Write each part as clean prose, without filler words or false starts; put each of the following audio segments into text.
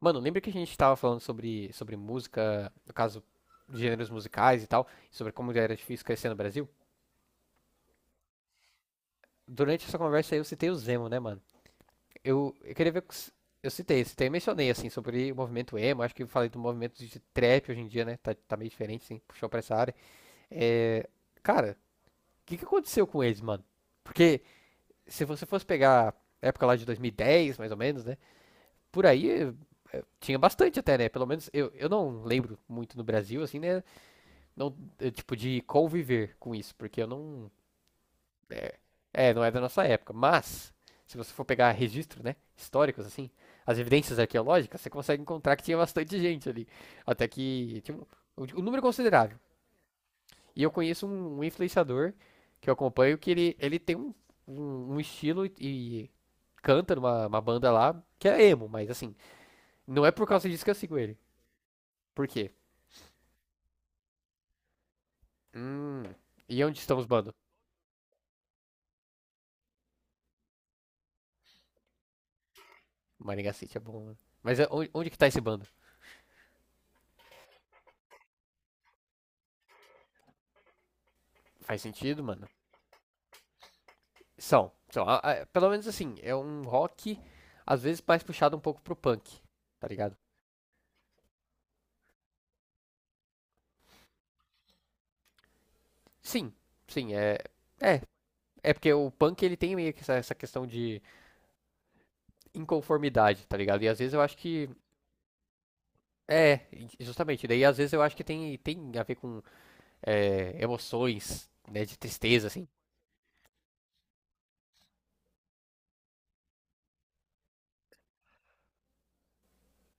Mano, lembra que a gente tava falando sobre música, no caso, gêneros musicais e tal, sobre como já era difícil crescer no Brasil? Durante essa conversa aí eu citei o Zemo, né, mano? Eu queria ver. Com s- Eu citei, mencionei, assim, sobre o movimento emo. Acho que eu falei do movimento de trap hoje em dia, né? Tá meio diferente, assim, puxou pra essa área. É. Cara, o que que aconteceu com eles, mano? Porque se você fosse pegar a época lá de 2010, mais ou menos, né? Por aí tinha bastante até, né? Pelo menos eu não lembro muito no Brasil, assim, né? Não, é, tipo, de conviver com isso, porque eu não. É, não é da nossa época. Mas, se você for pegar registro, né? Históricos, assim, as evidências arqueológicas, você consegue encontrar que tinha bastante gente ali. Até que. Tinha um, um número considerável. E eu conheço um influenciador que eu acompanho, que ele tem um, um, um estilo e canta numa uma banda lá que é emo, mas assim, não é por causa disso que eu sigo ele. Por quê? Hum, e onde estamos, bando? Maringá City é bom, né? Mas é- onde, onde que tá esse bando? Faz sentido, mano. São, são. A- a- pelo menos assim, é um rock, às vezes mais puxado um pouco pro punk, tá ligado? Sim, sim, é. É, é porque o punk ele tem meio que essa questão de inconformidade, tá ligado? E às vezes eu acho que. É, justamente. Daí às vezes eu acho que tem, tem a ver com é, emoções, né, de tristeza, assim.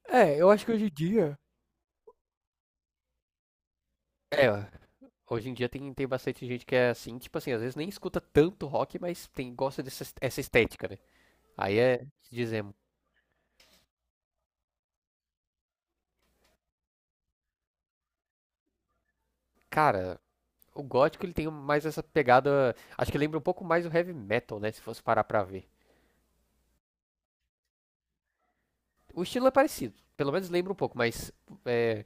É, eu acho que hoje em dia. É, ó, hoje em dia tem, tem bastante gente que é assim, tipo assim, às vezes nem escuta tanto rock, mas tem, gosta essa estética, né? Aí é, dizemos, cara, o gótico ele tem mais essa pegada, acho que lembra um pouco mais o heavy metal, né, se fosse parar pra ver. O estilo é parecido, pelo menos lembra um pouco, mas é,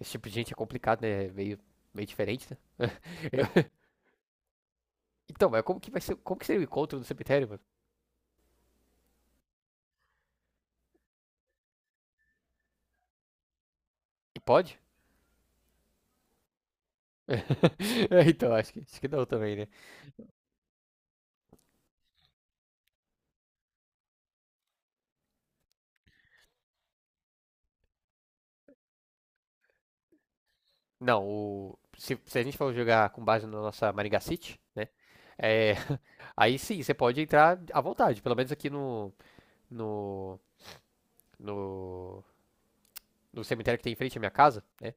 esse tipo de gente é complicado, né, é meio, meio diferente, né. Eu- Então, mas como que vai ser, como que seria o encontro do cemitério, mano? E pode? É, então, acho que não também, né. Não, o, se a gente for jogar com base na nossa Maringá City, né, é, aí sim, você pode entrar à vontade, pelo menos aqui no, no no cemitério que tem em frente à minha casa, né?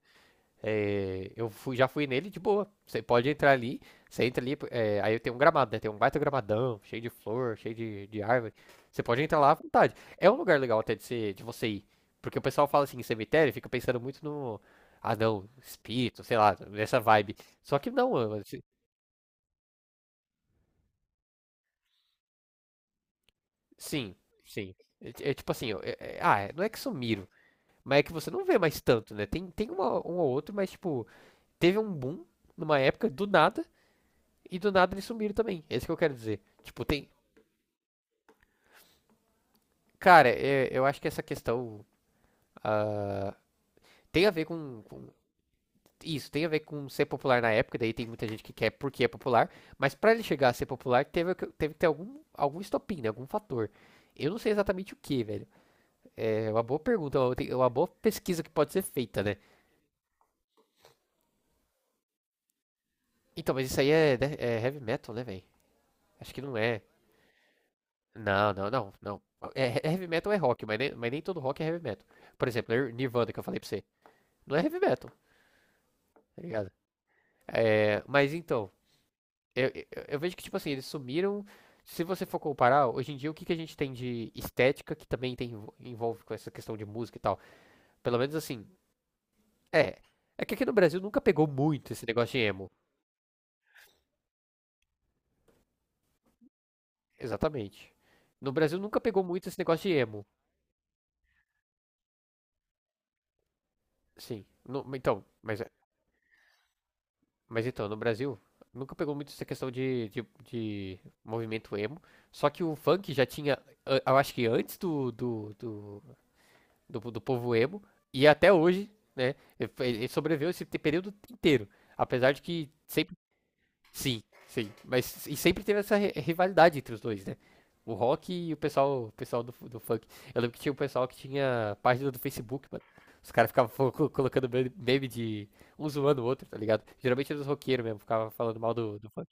É, eu fui, já fui nele de boa. Você pode entrar ali, você entra ali, é, aí tem um gramado, né? Tem um baita gramadão, cheio de flor, cheio de árvore. Você pode entrar lá à vontade. É um lugar legal até de, ser, de você ir. Porque o pessoal fala assim, cemitério, fica pensando muito no. Ah, não, espírito, sei lá, nessa vibe. Só que não, mano, se- sim, sim. É, é tipo assim, ó, é- é- ah, é- não é que sumiram, mas é que você não vê mais tanto, né? Tem, tem uma, um ou outro, mas tipo, teve um boom numa época, do nada. E do nada eles sumiram também. É isso que eu quero dizer. Tipo, tem. Cara, é- eu acho que essa questão ah, tem a ver com isso, tem a ver com ser popular na época, daí tem muita gente que quer porque é popular, mas pra ele chegar a ser popular teve, teve que ter algum, algum estopim, né, algum fator. Eu não sei exatamente o que, velho. É uma boa pergunta, uma boa pesquisa que pode ser feita, né? Então, mas isso aí é, de- é heavy metal, né, velho? Acho que não é. Não. É, é heavy metal é rock, mas nem todo rock é heavy metal. Por exemplo, Nirvana, que eu falei pra você. Não é heavy metal, tá ligado? É, mas então, eu vejo que, tipo assim, eles sumiram. Se você for comparar, hoje em dia, o que, que a gente tem de estética que também tem, envolve com essa questão de música e tal? Pelo menos assim, é. É que aqui no Brasil nunca pegou muito esse negócio de emo. Exatamente. No Brasil nunca pegou muito esse negócio de emo. Sim. No- então, mas, é, mas então, no Brasil nunca pegou muito essa questão de movimento emo. Só que o funk já tinha, a- eu acho que antes do povo emo. E até hoje, né? Ele sobreviveu esse período inteiro. Apesar de que sempre. Sim, sim. Mas e sempre teve essa rivalidade entre os dois, né? O rock e o pessoal do funk. Eu lembro que tinha o um pessoal que tinha página do Facebook, mano. Os caras ficavam colocando meme de um zoando o outro, tá ligado? Geralmente era os roqueiros mesmo, ficava falando mal do funk.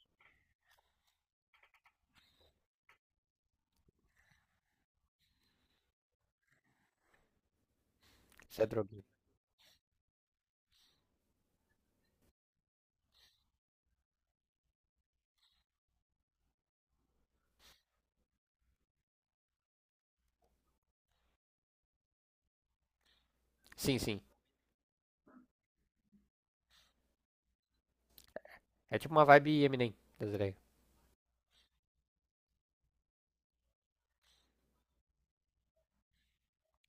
Isso é droguinha. Sim, sim. É tipo uma vibe Eminem das ideias.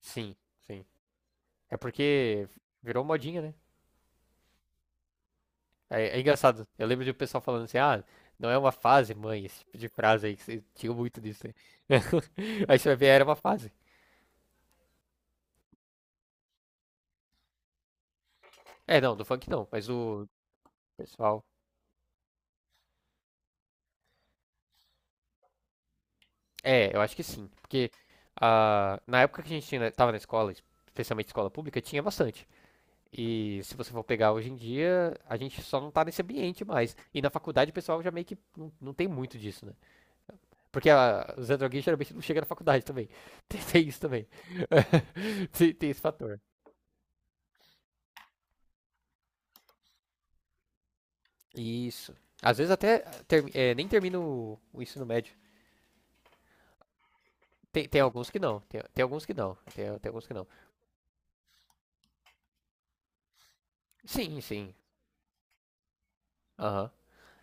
Sim, sim. É porque virou modinha, né? É, é engraçado. Eu lembro de um pessoal falando assim, ah, não é uma fase, mãe, esse tipo de frase aí, que você tinha muito disso aí. Aí você vai ver, era uma fase. É, não, do funk não, mas o pessoal. É, eu acho que sim. Porque ah, na época que a gente né, tava na escola, especialmente escola pública, tinha bastante. E se você for pegar hoje em dia, a gente só não tá nesse ambiente mais. E na faculdade o pessoal já meio que não, não tem muito disso, né? Porque a, os androguinhos geralmente não chegam na faculdade também. Tem, tem isso também. Tem, tem esse fator. Isso. Às vezes até é, nem termino o ensino médio. Tem, tem alguns que não. Tem, tem alguns que não. Tem, tem alguns que não. Sim, sim. Aham.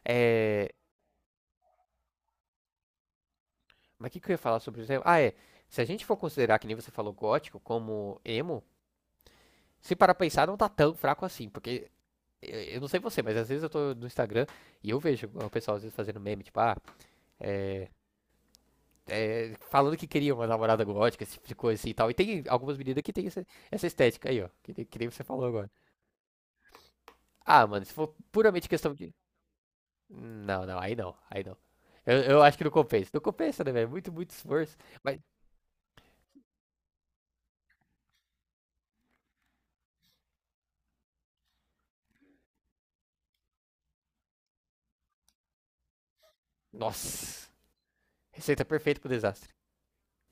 É, mas o que, que eu ia falar sobre isso? Ah, é. Se a gente for considerar, que nem você falou, gótico como emo, se para pensar, não tá tão fraco assim. Porque eu não sei você, mas às vezes eu tô no Instagram e eu vejo o pessoal às vezes fazendo meme, tipo, ah, é, falando que queria uma namorada gótica, esse tipo de coisa assim e tal. E tem algumas meninas que tem essa, essa estética aí, ó. Que, que nem você falou agora. Ah, mano, se for puramente questão de. Não, não, aí não, aí não. Eu acho que não compensa. Não compensa, né, velho? Muito, muito esforço. Mas, nossa! Receita perfeita pro desastre.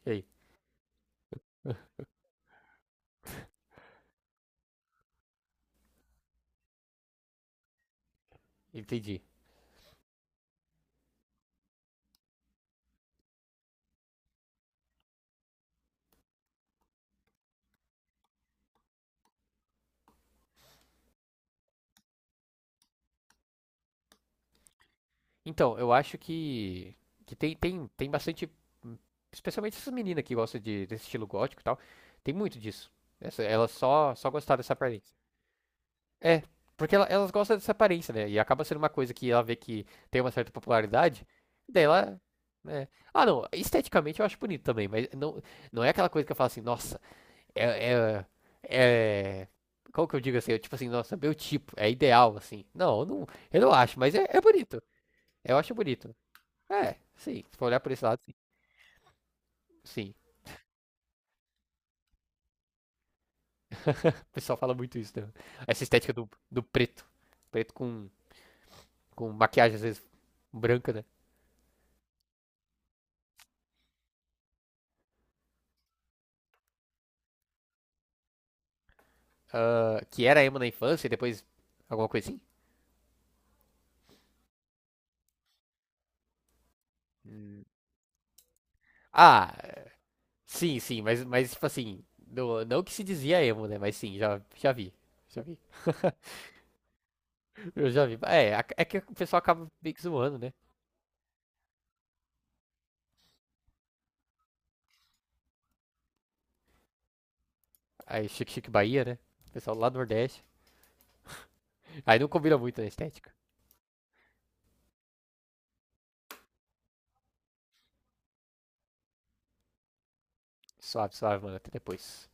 E aí? Entendi. Então, eu acho que tem, tem, tem bastante. Especialmente essas meninas que gostam de, desse estilo gótico e tal. Tem muito disso. Essa, só gostaram dessa aparência. É, porque ela- elas gostam dessa aparência, né? E acaba sendo uma coisa que ela vê que tem uma certa popularidade, daí ela. Né? Ah, não, esteticamente eu acho bonito também, mas não, não é aquela coisa que eu falo assim, nossa, é. É, é... Como que eu digo assim? Eu, tipo assim, nossa, meu tipo, é ideal, assim. Não, eu não acho, mas é, é bonito. Eu acho bonito. É, sim, se for olhar por esse lado, sim. Sim, o pessoal fala muito isso, né? Essa estética do preto. Preto com maquiagem, às vezes, branca, né? Ah, que era emo na infância e depois alguma coisa assim? Hum. Ah, sim, sim, mas tipo assim, não, não que se dizia emo, né? Mas sim, já, já vi. Já vi. Eu já vi. É, a- é que o pessoal acaba meio que zoando, né? Aí Chique Chique Bahia, né? O pessoal lá do Nordeste. Aí não combina muito na estética. Suave, suave, mano. Até depois.